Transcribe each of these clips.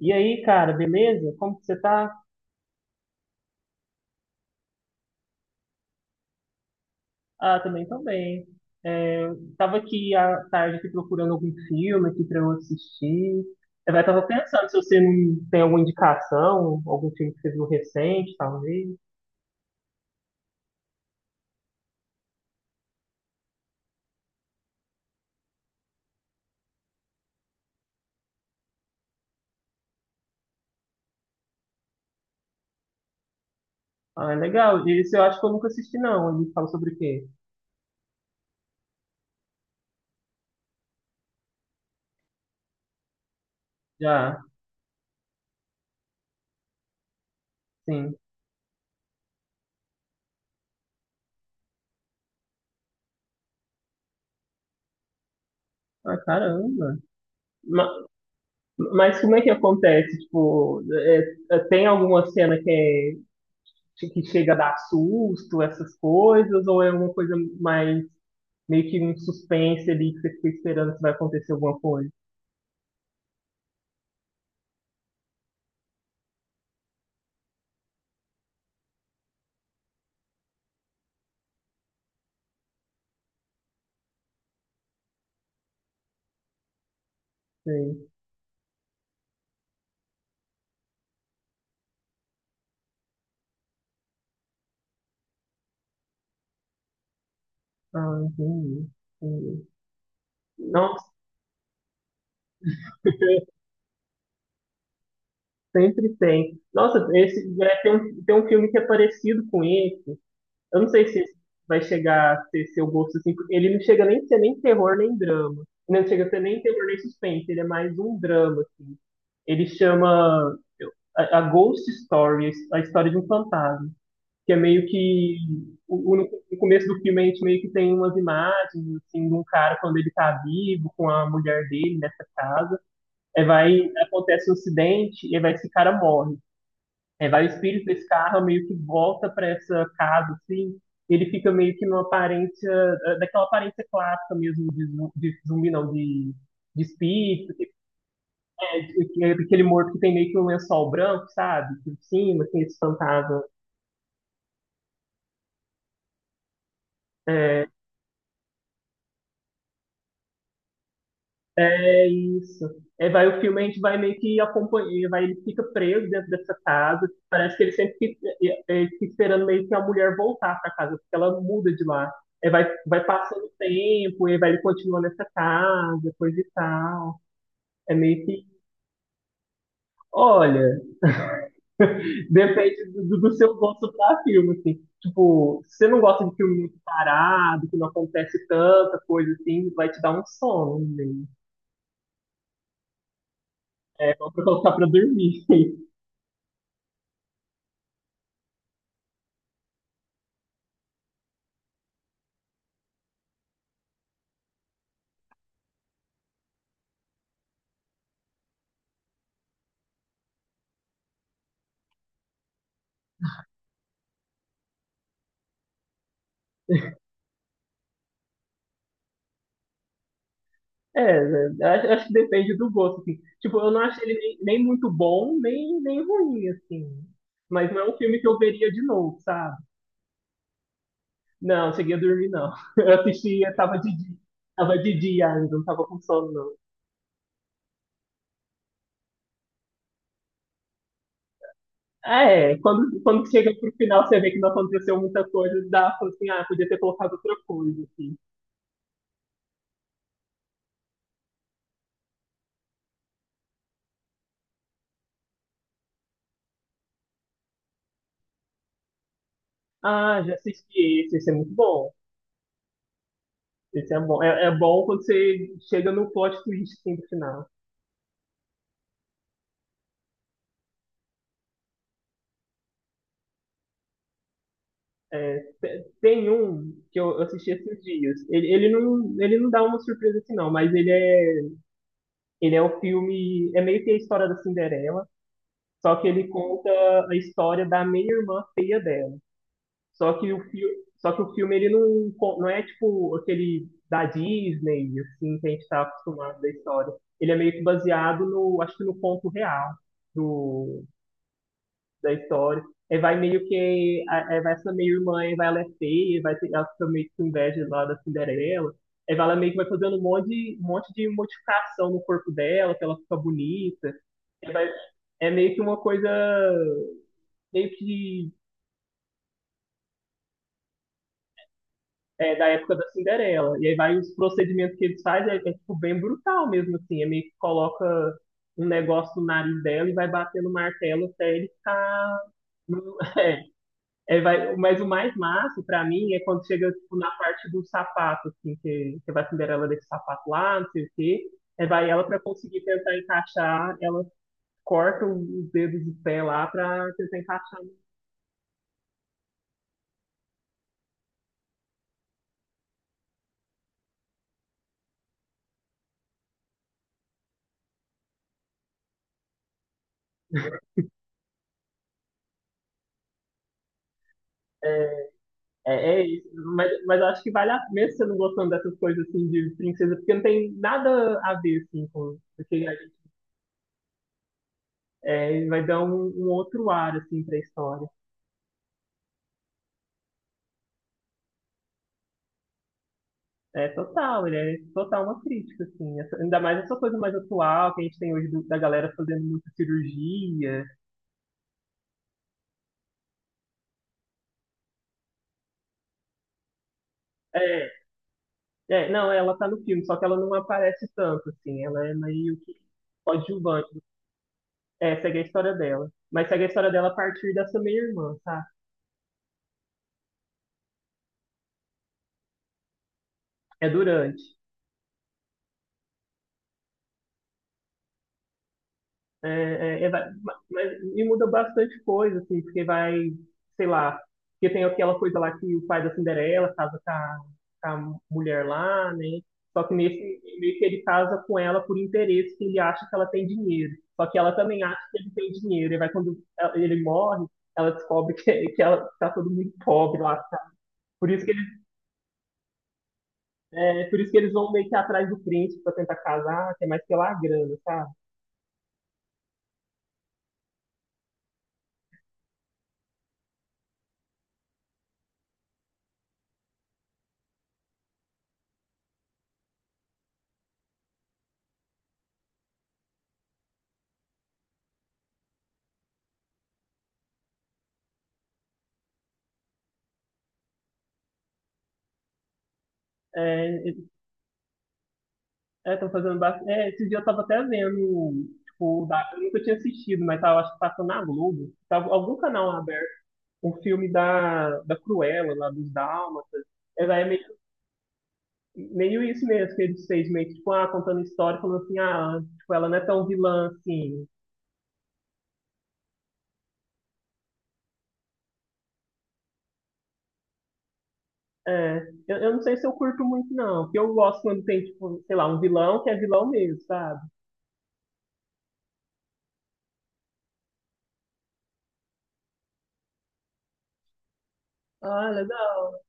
E aí, cara, beleza? Como que você tá? Ah, também tô bem. É, tava aqui à tarde aqui procurando algum filme aqui pra eu assistir. Eu tava pensando se você não tem alguma indicação, algum filme que você viu recente, talvez. Ah, é legal. Esse eu acho que eu nunca assisti, não. Ele fala sobre o quê? Já, sim. Ah, caramba. Ma- Mas, como é que acontece? Tipo, tem alguma cena que, que chega a dar susto, essas coisas, ou é uma coisa mais meio que um suspense ali que você fica esperando se vai acontecer alguma coisa. Sei. Ah, entendi. Entendi. Nossa, sempre tem. Nossa, esse é, tem um filme que é parecido com esse. Eu não sei se esse vai chegar a ser seu gosto assim, porque ele não chega nem a ser nem terror nem drama. Não chega a ser nem terror nem suspense, ele é mais um drama. Ele chama a Ghost Story, a história de um fantasma. Que é meio que no começo do filme a gente meio que tem umas imagens assim de um cara quando ele tá vivo com a mulher dele nessa casa. Aí vai acontece um acidente e aí vai esse cara morre. Aí vai o espírito desse carro meio que volta para essa casa assim. Ele fica meio que numa aparência daquela aparência clássica mesmo de, de zumbi não de de espírito, é, aquele morto que tem meio que um lençol branco, sabe? Por cima, tem esse fantasma eh, é isso. É, vai, o filme a gente vai meio que acompanhar, vai, ele fica preso dentro dessa casa. Parece que ele sempre fica, é, fica esperando meio que a mulher voltar para casa, porque ela muda de lá. É, vai, vai passando o tempo, e vai ele continua nessa casa, coisa e tal. É meio que, olha, depende do seu gosto para filme, assim. Tipo, se você não gosta de filme muito parado, que não acontece tanta coisa assim, vai te dar um sono, né? É, só pra colocar pra dormir. É, eu acho, acho que depende do gosto, assim. Tipo, eu não acho ele nem muito bom, nem ruim, assim. Mas não é um filme que eu veria de novo, sabe? Não, cheguei a dormir, não. Eu assisti, eu tava de dia ainda, não tava com sono, não. Ah, é, quando chega pro final, você vê que não aconteceu muita coisa, dá pra, assim, ah, podia ter colocado outra coisa, assim. Ah, já assisti esse, esse é muito bom. Esse é bom. É, é bom quando você chega no plot twist, assim, no final. É, tem um que eu assisti esses dias. Ele não dá uma surpresa assim, não, mas ele é o filme. É meio que a história da Cinderela, só que ele conta a história da meia-irmã feia dela. Só que o, fi, só que o filme ele não, não é tipo aquele da Disney, assim, que a gente está acostumado da história. Ele é meio que baseado no, acho que no conto real da história. Aí vai meio que. Aí vai essa meio-irmã, aí vai ela é feia, vai ter, ela fica meio que com inveja lá da Cinderela. Aí vai ela meio que vai fazendo um monte de modificação no corpo dela, que ela fica bonita. Aí vai, é meio que uma coisa meio que é, da época da Cinderela. E aí vai os procedimentos que eles fazem, é tipo bem brutal mesmo, assim. É meio que coloca um negócio no nariz dela e vai batendo martelo até ele ficar. No- É, vai, mas o mais massa pra mim é quando chega tipo, na parte do sapato, assim, que vai a Cinderela desse sapato lá, não sei o quê. Aí vai ela pra conseguir tentar encaixar, ela corta os dedos do pé lá pra tentar encaixar. É, é isso, mas eu acho que vale a pena, mesmo você não gostando dessas coisas assim de princesa, porque não tem nada a ver assim com porque a gente é, vai dar um outro ar assim pra história. É total, ele é total uma crítica, assim. Essa, ainda mais essa coisa mais atual que a gente tem hoje do- da galera fazendo muita cirurgia. É, não, ela tá no filme, só que ela não aparece tanto, assim. Ela é meio que coadjuvante. É, segue a história dela. Mas segue a história dela a partir dessa meia-irmã, tá? É durante. Vai- mas me muda bastante coisa, assim, porque vai, sei lá, porque tem aquela coisa lá que o pai da Cinderela casa com a mulher lá, né? Só que nesse, meio que ele casa com ela por interesse, que ele acha que ela tem dinheiro. Só que ela também acha que ele tem dinheiro. E vai quando ela- ele morre, ela descobre que, que ela tá todo mundo pobre lá. Tá? Por isso que eles, é, por isso que eles vão meio que atrás do príncipe pra tentar casar, que é mais pela grana, sabe? É, é, estão fazendo bastante. É, esse dia eu tava até vendo, tipo, o da... eu nunca tinha assistido, mas tava, acho que passando na Globo. Tava algum canal aberto, um filme da Cruella, lá dos Dálmatas. É, vai, é meio, meio isso mesmo, que eles fez, meio que, tipo, ah, contando história, falando assim, ah, tipo, ela não é tão vilã assim. É, eu não sei se eu curto muito, não, porque eu gosto quando tem, tipo, sei lá, um vilão que é vilão mesmo, sabe? Ah, legal.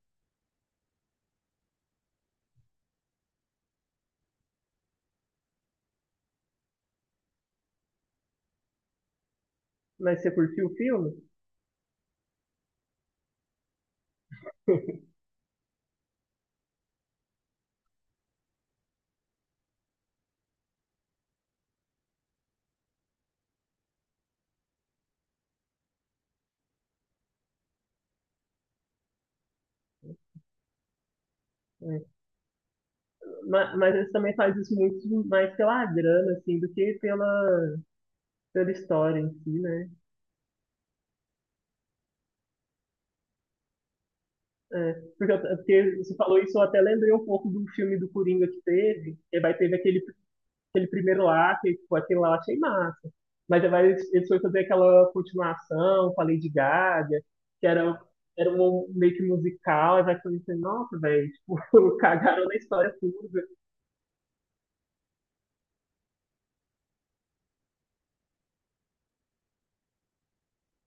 Mas você curtiu o filme? Mas eles também fazem isso muito mais pela grana, assim, do que pela, pela história em si, né? É, porque, eu- porque você falou isso, eu até lembrei um pouco do filme do Coringa que teve, que vai teve aquele, aquele primeiro lá, que tipo, aquele lá eu achei massa. Mas aí vai eles foram fazer aquela continuação com a Lady Gaga, que era, era um meio que musical, aí vai fazer assim, nossa, velho, tipo, cagaram na história pura.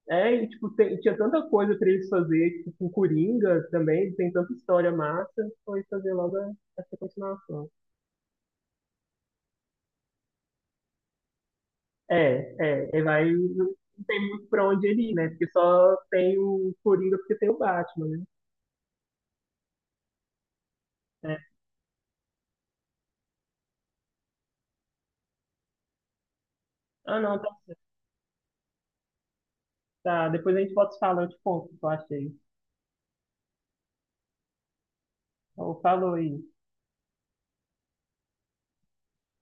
É, e tipo, tinha tanta coisa pra eles fazer, tipo, com Coringa também, tem tanta história massa, foi fazer logo essa continuação. É, ele vai, não tem muito pra onde ele ir, né? Porque só tem o Coringa porque tem o Batman, né? É. Ah, não, tá, certo. Tá, depois a gente volta se falando, eu te conto o que eu achei. Então, falou aí.